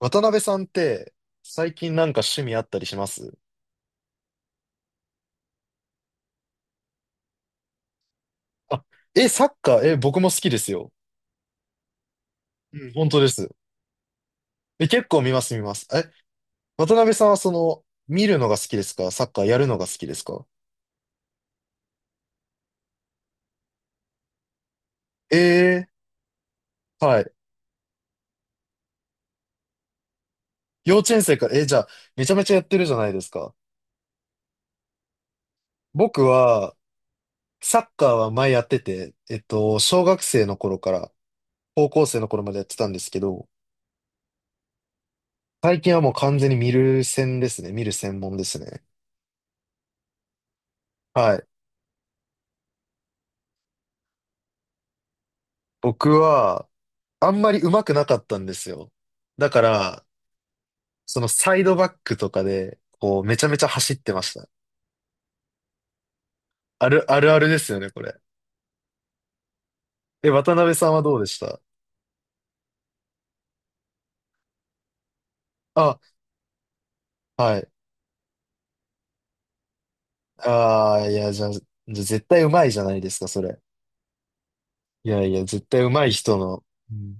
渡辺さんって、最近なんか趣味あったりします？あ、サッカー、僕も好きですよ。うん、本当です。結構見ます、見ます。渡辺さんはその、見るのが好きですか、サッカーやるのが好きですか？えー、はい。幼稚園生から、じゃあ、めちゃめちゃやってるじゃないですか。僕は、サッカーは前やってて、小学生の頃から、高校生の頃までやってたんですけど、最近はもう完全に見る専ですね。見る専門ですね。はい。僕は、あんまり上手くなかったんですよ。だから、そのサイドバックとかで、こう、めちゃめちゃ走ってました。あるあるですよね、これ。渡辺さんはどうでした？あ、はい。ああ、いや、じゃあ、絶対上手いじゃないですか、それ。いやいや、絶対上手い人の。うん、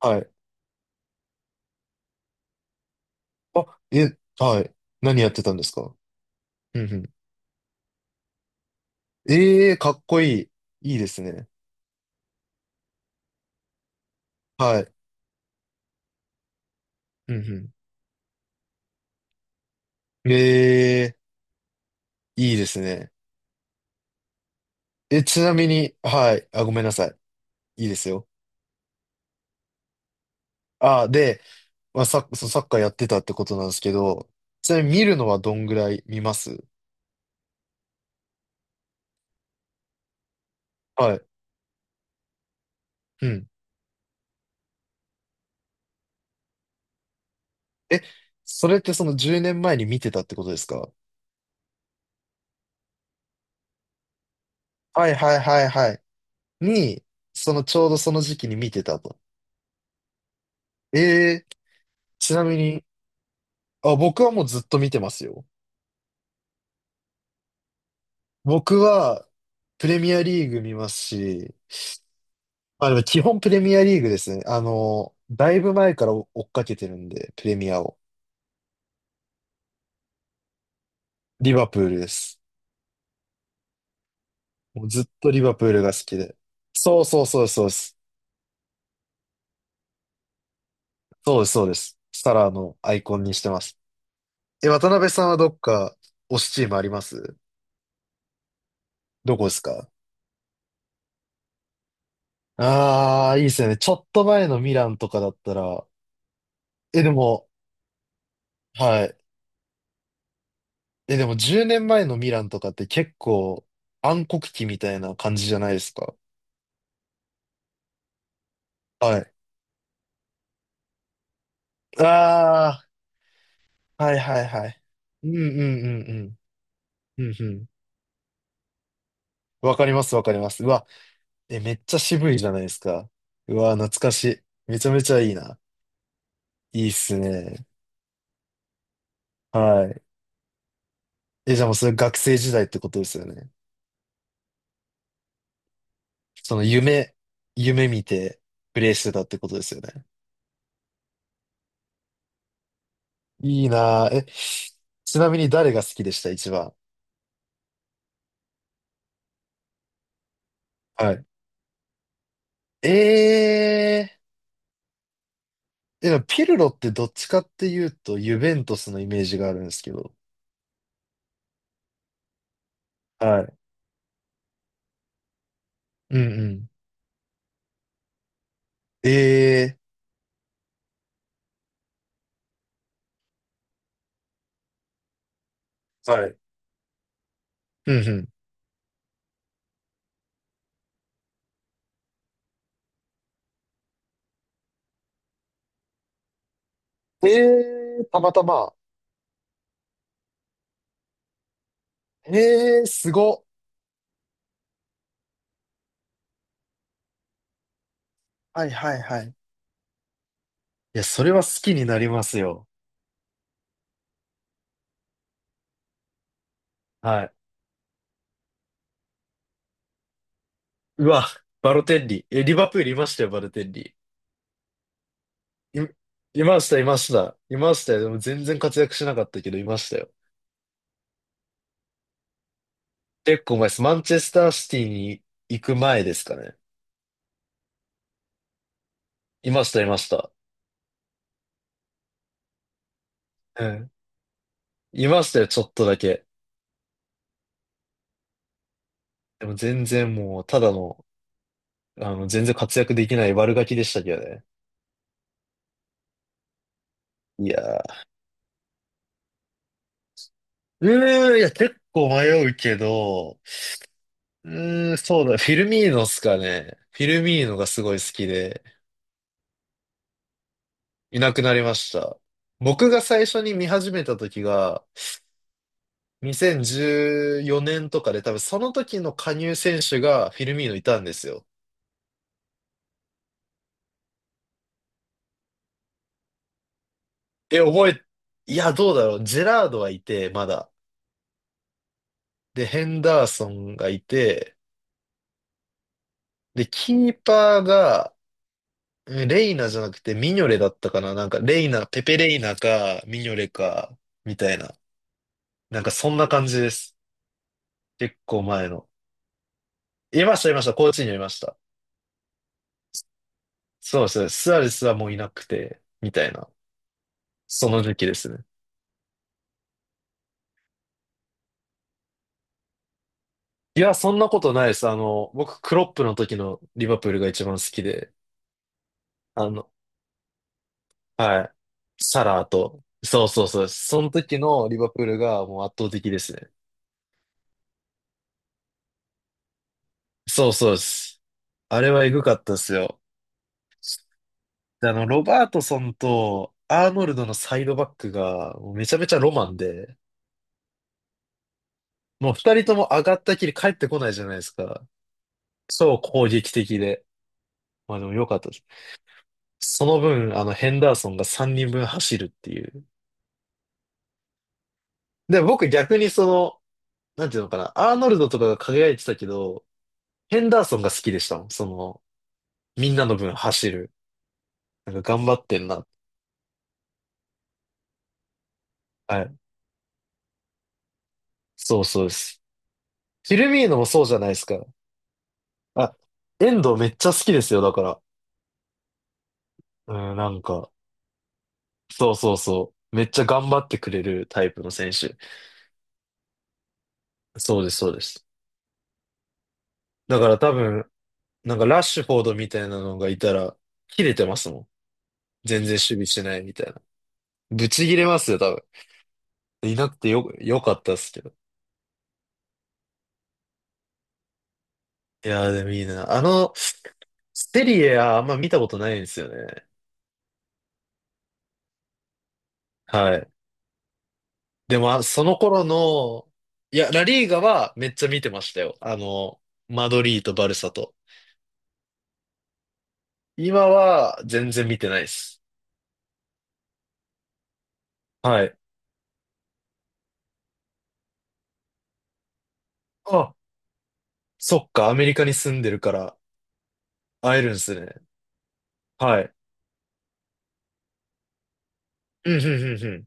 はい。あ、はい。何やってたんですか？うんうん。ええー、かっこいい。いいですね。はい。うんうん。ええー、いいですね。ちなみに、はい。あ、ごめんなさい。いいですよ。ああ、で、まあ、そうサッカーやってたってことなんですけど、ちなみに見るのはどんぐらい見ます？はい。うん。え、それってその10年前に見てたってことですか？はいはいはいはい。に、そのちょうどその時期に見てたと。ええ、ちなみに、あ、僕はもうずっと見てますよ。僕は、プレミアリーグ見ますし、まあでも基本プレミアリーグですね。あの、だいぶ前から追っかけてるんで、プレミアを。リバプールです。もうずっとリバプールが好きで。そうそうそうそうです。そうです、そうです。サラーのアイコンにしてます。渡辺さんはどっか推しチームあります？どこですか？ああー、いいですよね。ちょっと前のミランとかだったら、でも、はい。でも10年前のミランとかって結構暗黒期みたいな感じじゃないですか。はい。ああ、はいはいはい。うんうんうんうん。うんうん。わかりますわかります。うわ、めっちゃ渋いじゃないですか。うわ、懐かしい。めちゃめちゃいいな。いいっすね。はい。じゃあもうそれ学生時代ってことですよね。その夢、夢見てプレイしてたってことですよね。いいなぁ。ちなみに誰が好きでした一番。はい。えー、ピルロってどっちかっていうと、ユベントスのイメージがあるんですけど。はい。うんうん。えー、はい。うんうん。えー、たまたま。えー、すごっ。はいはいはい。いや、それは好きになりますよ。はい。うわ、バロテッリ。リバプールいましたよ、バロテッリ。い、いました、いました。いましたよ。でも全然活躍しなかったけど、いましたよ。結構前です。マンチェスターシティに行く前ですかね。いました、いました。うん。いましたよ、ちょっとだけ。でも全然もう、ただの、あの、全然活躍できない悪ガキでしたけどね。いやー。うーん、いや、結構迷うけど、うーん、そうだ。フィルミーノっすかね。フィルミーノがすごい好きで、いなくなりました。僕が最初に見始めた時が、2014年とかで、多分その時の加入選手がフィルミーノいたんですよ。え、覚え、いや、どうだろう。ジェラードはいて、まだ。で、ヘンダーソンがいて、で、キーパーが、うん、レイナじゃなくてミニョレだったかな。なんか、レイナ、ペペレイナか、ミニョレか、みたいな。なんか、そんな感じです。結構前の。いました、いました。高知にいました。そうですね。スアレスはもういなくて、みたいな。その時期ですね。いや、そんなことないです。あの、僕、クロップの時のリバプールが一番好きで、あの、はい。サラーと。そうそうそうです。その時のリバプールがもう圧倒的ですね。そうそうです。あれはエグかったですよ。で、あの、ロバートソンとアーノルドのサイドバックがもうめちゃめちゃロマンで、もう二人とも上がったきり帰ってこないじゃないですか。そう攻撃的で。まあでも良かったです。その分、あの、ヘンダーソンが3人分走るっていう。で、僕逆にその、なんていうのかな、アーノルドとかが輝いてたけど、ヘンダーソンが好きでしたもん。その、みんなの分走る。なんか頑張ってんな。はい。そうそうです。フィルミーノもそうじゃないですか。あ、遠藤めっちゃ好きですよ、だから。うん、なんか、そうそうそう。めっちゃ頑張ってくれるタイプの選手。そうです、そうです。だから多分、なんかラッシュフォードみたいなのがいたら、切れてますもん。全然守備してないみたいな。ぶち切れますよ、多分。いなくてよ、よかったっすけど。いやー、でもいいな。あの、セリエはあんま見たことないんですよね。はい。でも、あ、その頃の、いや、ラリーガはめっちゃ見てましたよ。あの、マドリーとバルサと。今は全然見てないです。はい。あ、そっか、アメリカに住んでるから会えるんすね。はい。うん、うん、うん、うん。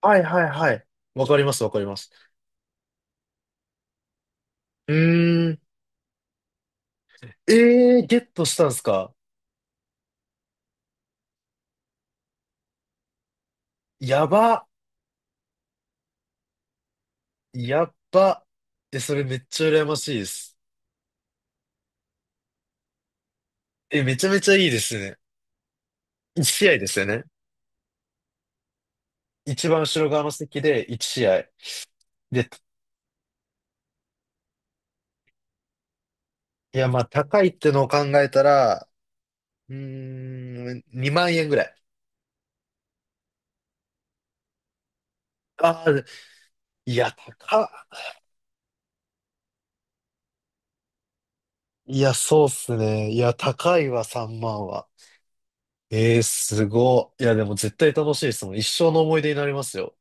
はい、はい、はい。わかります、わかります。うーん。えー、ゲットしたんすか？やば、やっば。それめっちゃ羨ましいです。めちゃめちゃいいですね。1試合ですよね。一番後ろ側の席で1試合。で、いや、まあ、高いってのを考えたら、うーん、2万円ぐらい。ああ、いや、高っ。いや、そうっすね。いや、高いわ、3万は。えー、すごい。いや、でも絶対楽しいですもん。一生の思い出になりますよ。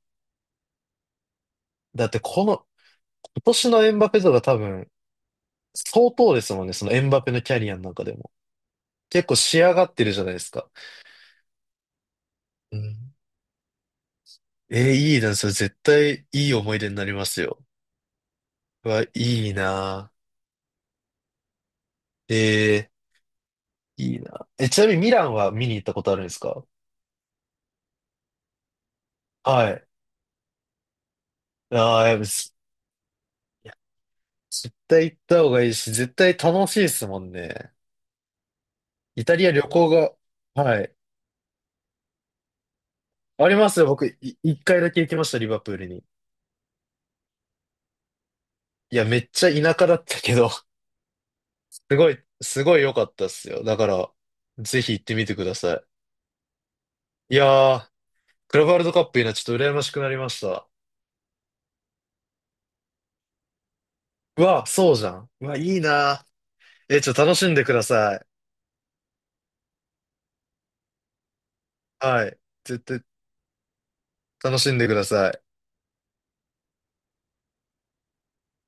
だって、この、今年のエムバペとか多分、相当ですもんね。そのエムバペのキャリアの中でも。結構仕上がってるじゃないですか。うん。えー、いいな。それ絶対いい思い出になりますよ。うわ、いいな。えー、いいな。ちなみにミランは見に行ったことあるんですか？はい。ああ、やっぱすいや、絶対行った方がいいし、絶対楽しいですもんね。イタリア旅行が、はい。ありますよ。僕、一回だけ行きました、リバプールに。いや、めっちゃ田舎だったけど、すごい、すごい良かったっすよ。だから、ぜひ行ってみてください。いやー、クラブワールドカップいいな。ちょっと羨ましくなりました。うわ、そうじゃん。うわ、いいな。ちょっと楽しんでください。はい。絶対楽しんでください。